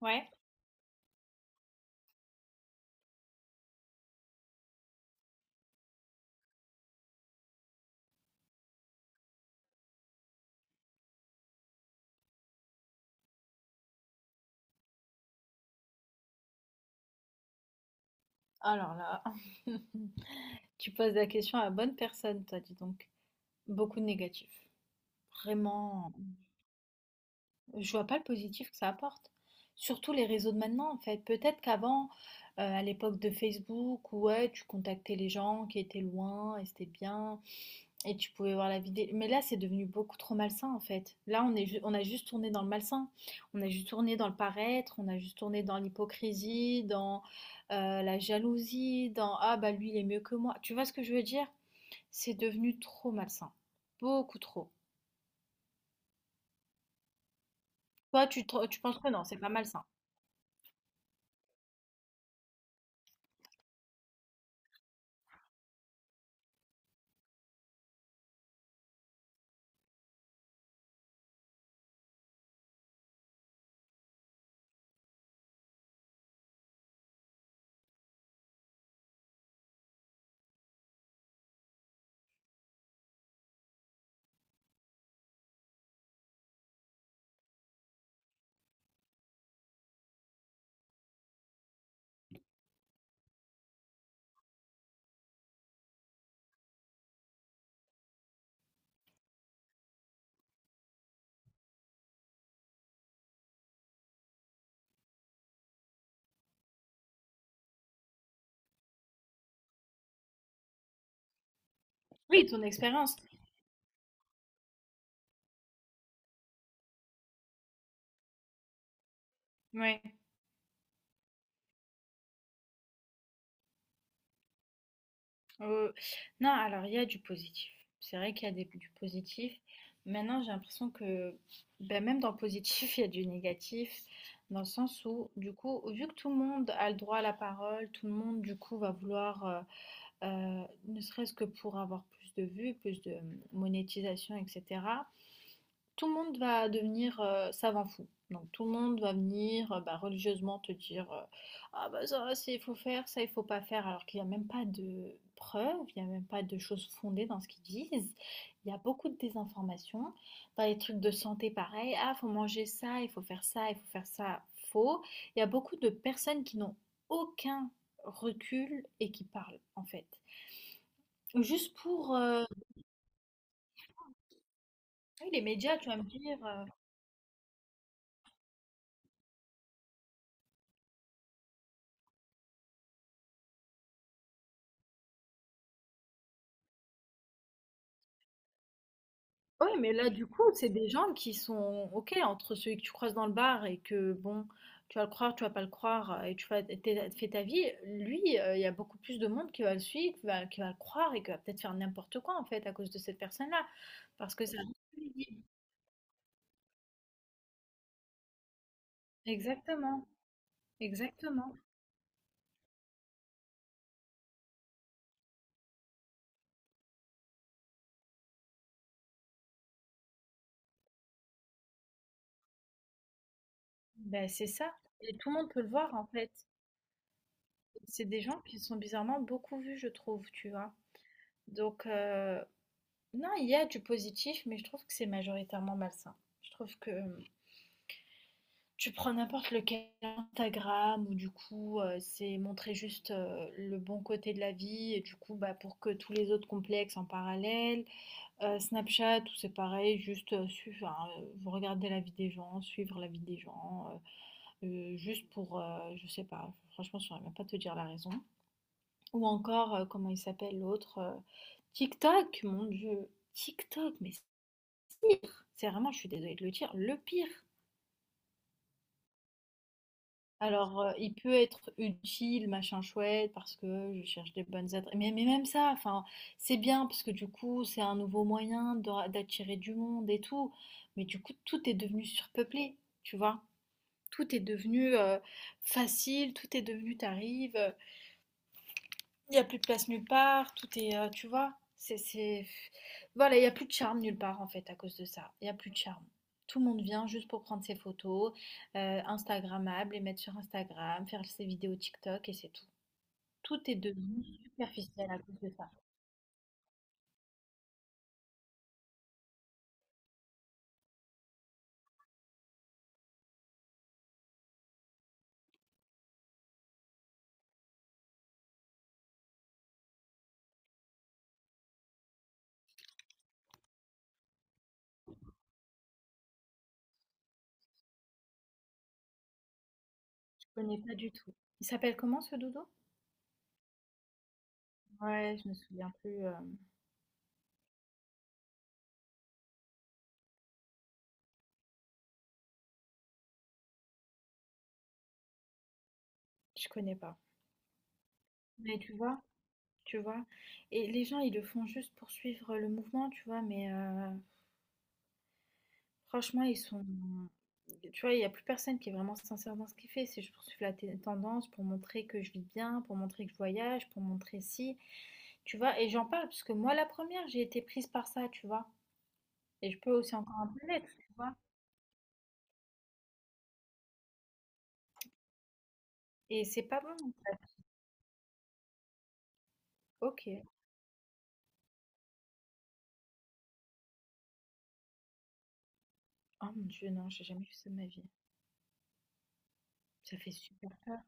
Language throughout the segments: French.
Ouais, alors là, tu poses la question à la bonne personne, toi, dis donc. Beaucoup de négatifs. Vraiment, je vois pas le positif que ça apporte. Surtout les réseaux de maintenant, en fait. Peut-être qu'avant, à l'époque de Facebook, ouais, tu contactais les gens qui étaient loin et c'était bien. Et tu pouvais voir la vidéo. Mais là, c'est devenu beaucoup trop malsain, en fait. Là, on est, on a juste tourné dans le malsain. On a juste tourné dans le paraître. On a juste tourné dans l'hypocrisie, dans la jalousie, dans ah bah lui, il est mieux que moi. Tu vois ce que je veux dire? C'est devenu trop malsain. Beaucoup trop. Toi, tu penses que non, c'est pas malsain. Oui, ton expérience. Ouais, heu, non, alors il y a du positif. C'est vrai qu'il y a des du positif. Maintenant, j'ai l'impression que, ben, même dans le positif, il y a du négatif, dans le sens où, du coup, vu que tout le monde a le droit à la parole, tout le monde, du coup, va vouloir, ne serait-ce que pour avoir plus de vues, plus de monétisation, etc. Tout le monde va devenir, savant fou. Donc tout le monde va venir, bah, religieusement te dire, «Ah bah ça, c'est il faut faire, ça il faut pas faire», alors qu'il y a même pas de preuves, il y a même pas de choses fondées dans ce qu'ils disent. Il y a beaucoup de désinformation. Dans les trucs de santé, pareil: «Ah, faut manger ça, il faut faire ça, il faut faire ça». Faux. Il y a beaucoup de personnes qui n'ont aucun recul et qui parlent, en fait. Juste pour, oui les médias, tu vas me dire, oui, mais là, du coup, c'est des gens qui sont OK entre celui que tu croises dans le bar et que, bon, tu vas le croire, tu vas pas le croire, et tu fais, fais ta vie. Lui, il y a beaucoup plus de monde qui va le suivre, qui va le croire et qui va peut-être faire n'importe quoi, en fait, à cause de cette personne-là. Parce que ça reste crédible. Exactement, exactement. Ben, c'est ça. Et tout le monde peut le voir, en fait. C'est des gens qui sont bizarrement beaucoup vus, je trouve, tu vois. Donc, non, il y a du positif, mais je trouve que c'est majoritairement malsain. Je trouve que. Tu prends n'importe lequel, Instagram ou du coup, c'est montrer juste, le bon côté de la vie et du coup, bah, pour que tous les autres complexes en parallèle. Snapchat où c'est pareil, juste, suivre enfin, vous regardez la vie des gens, suivre la vie des gens, juste pour, je sais pas, franchement, je ne saurais même pas te dire la raison. Ou encore, comment il s'appelle l'autre, TikTok, mon Dieu, TikTok, mais c'est pire! C'est vraiment, je suis désolée de le dire, le pire. Alors, il peut être utile, machin chouette, parce que je cherche des bonnes adresses. Mais même ça, enfin, c'est bien, parce que du coup, c'est un nouveau moyen d'attirer du monde et tout. Mais du coup, tout est devenu surpeuplé, tu vois. Tout est devenu facile, tout est devenu, t'arrives. Il y a plus de place nulle part, tout est, tu vois, c'est... Voilà, il y a plus de charme nulle part en fait à cause de ça. Il y a plus de charme. Tout le monde vient juste pour prendre ses photos, Instagrammables, les mettre sur Instagram, faire ses vidéos TikTok et c'est tout. Tout est devenu superficiel à cause de ça. Je connais pas du tout. Il s'appelle comment ce doudou? Ouais, je me souviens plus. Je connais pas. Mais tu vois, tu vois. Et les gens, ils le font juste pour suivre le mouvement, tu vois. Mais franchement, ils sont tu vois, il y a plus personne qui est vraiment sincère dans ce qu'il fait. C'est je poursuis la tendance pour montrer que je vis bien, pour montrer que je voyage, pour montrer si. Tu vois, et j'en parle parce que moi, la première, j'ai été prise par ça, tu vois. Et je peux aussi encore un peu l'être, tu vois. Et c'est pas bon, en fait. Ok. Oh mon Dieu, non, j'ai jamais fait ça de ma vie. Ça fait super peur.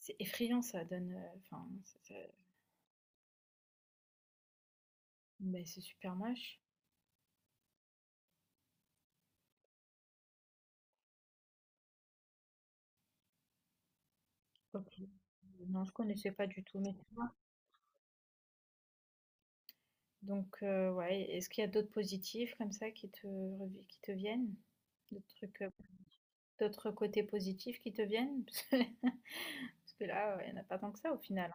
C'est effrayant, ça donne. Enfin, c'est ça- mais c'est super moche. Ok. Non, je connaissais pas du tout. Mais tu vois, donc, ouais, est-ce qu'il y a d'autres positifs comme ça qui te revi qui te viennent? D'autres trucs, d'autres côtés positifs qui te viennent? Parce que parce que là, il y en a pas tant que ça au final.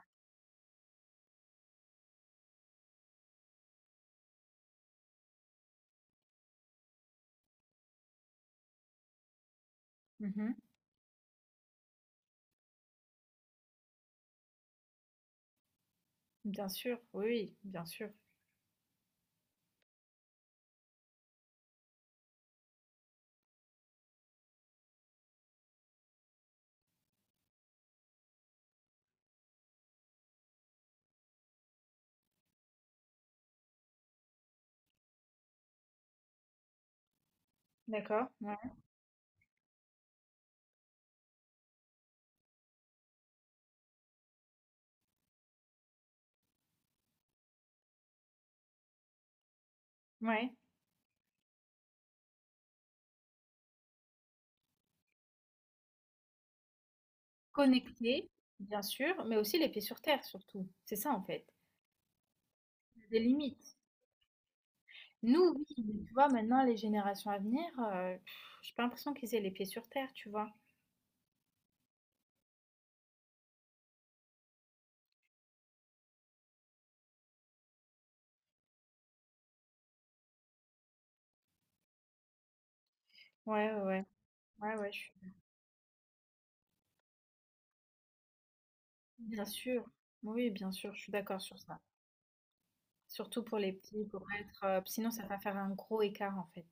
Mmh. Bien sûr, oui, oui, bien sûr. D'accord, ouais, ouais. Connecté, bien sûr, mais aussi les pieds sur terre surtout. C'est ça en fait. Il y a des limites. Nous, oui, mais tu vois maintenant les générations à venir, j'ai pas l'impression qu'ils aient les pieds sur terre, tu vois? Ouais, ouais, ouais. Ouais, ouais, je suis bien sûr. Oui, bien sûr, je suis d'accord sur ça. Surtout pour les petits, pour être, sinon ça va faire un gros écart en fait.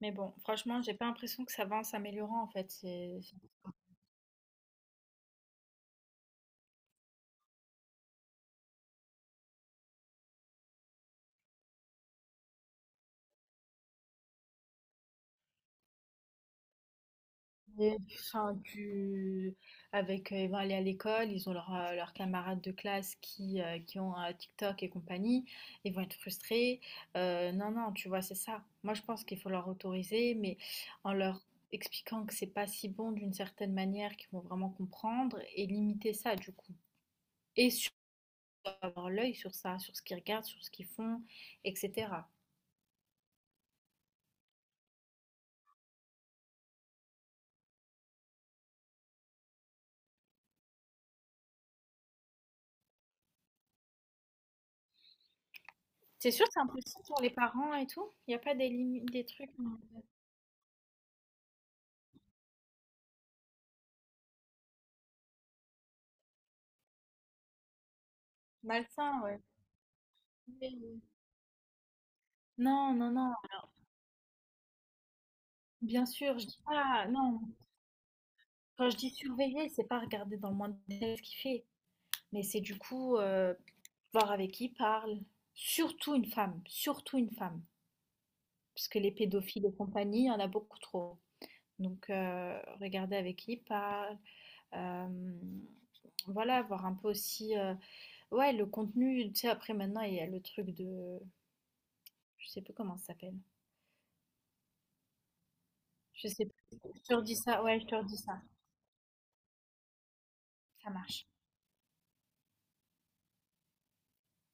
Mais bon, franchement, j'ai pas l'impression que ça va en s'améliorant en fait. C'est enfin tu avec, ils vont aller à l'école, ils ont leurs, leurs camarades de classe qui ont, TikTok et compagnie, ils vont être frustrés. Non, non, tu vois, c'est ça. Moi, je pense qu'il faut leur autoriser, mais en leur expliquant que c'est pas si bon d'une certaine manière qu'ils vont vraiment comprendre et limiter ça du coup. Et avoir l'œil sur ça, sur ce qu'ils regardent, sur ce qu'ils font, etc. C'est sûr, c'est impossible pour les parents et tout. Il n'y a pas des limites, des trucs malsains, ouais. Mais non, non, non. Bien sûr, je dis pas. Non, quand je dis surveiller, c'est pas regarder dans le moindre détail ce qu'il fait, mais c'est du coup voir avec qui il parle. Surtout une femme, parce que les pédophiles et compagnie, il y en a beaucoup trop. Donc, regarder avec qui il parle. euh, voilà, voir un peu aussi. Ouais, le contenu, tu sais, après maintenant, il y a le truc de... Je sais plus comment ça s'appelle. Je sais plus. Je te redis ça. Ouais, je te redis ça. Ça marche.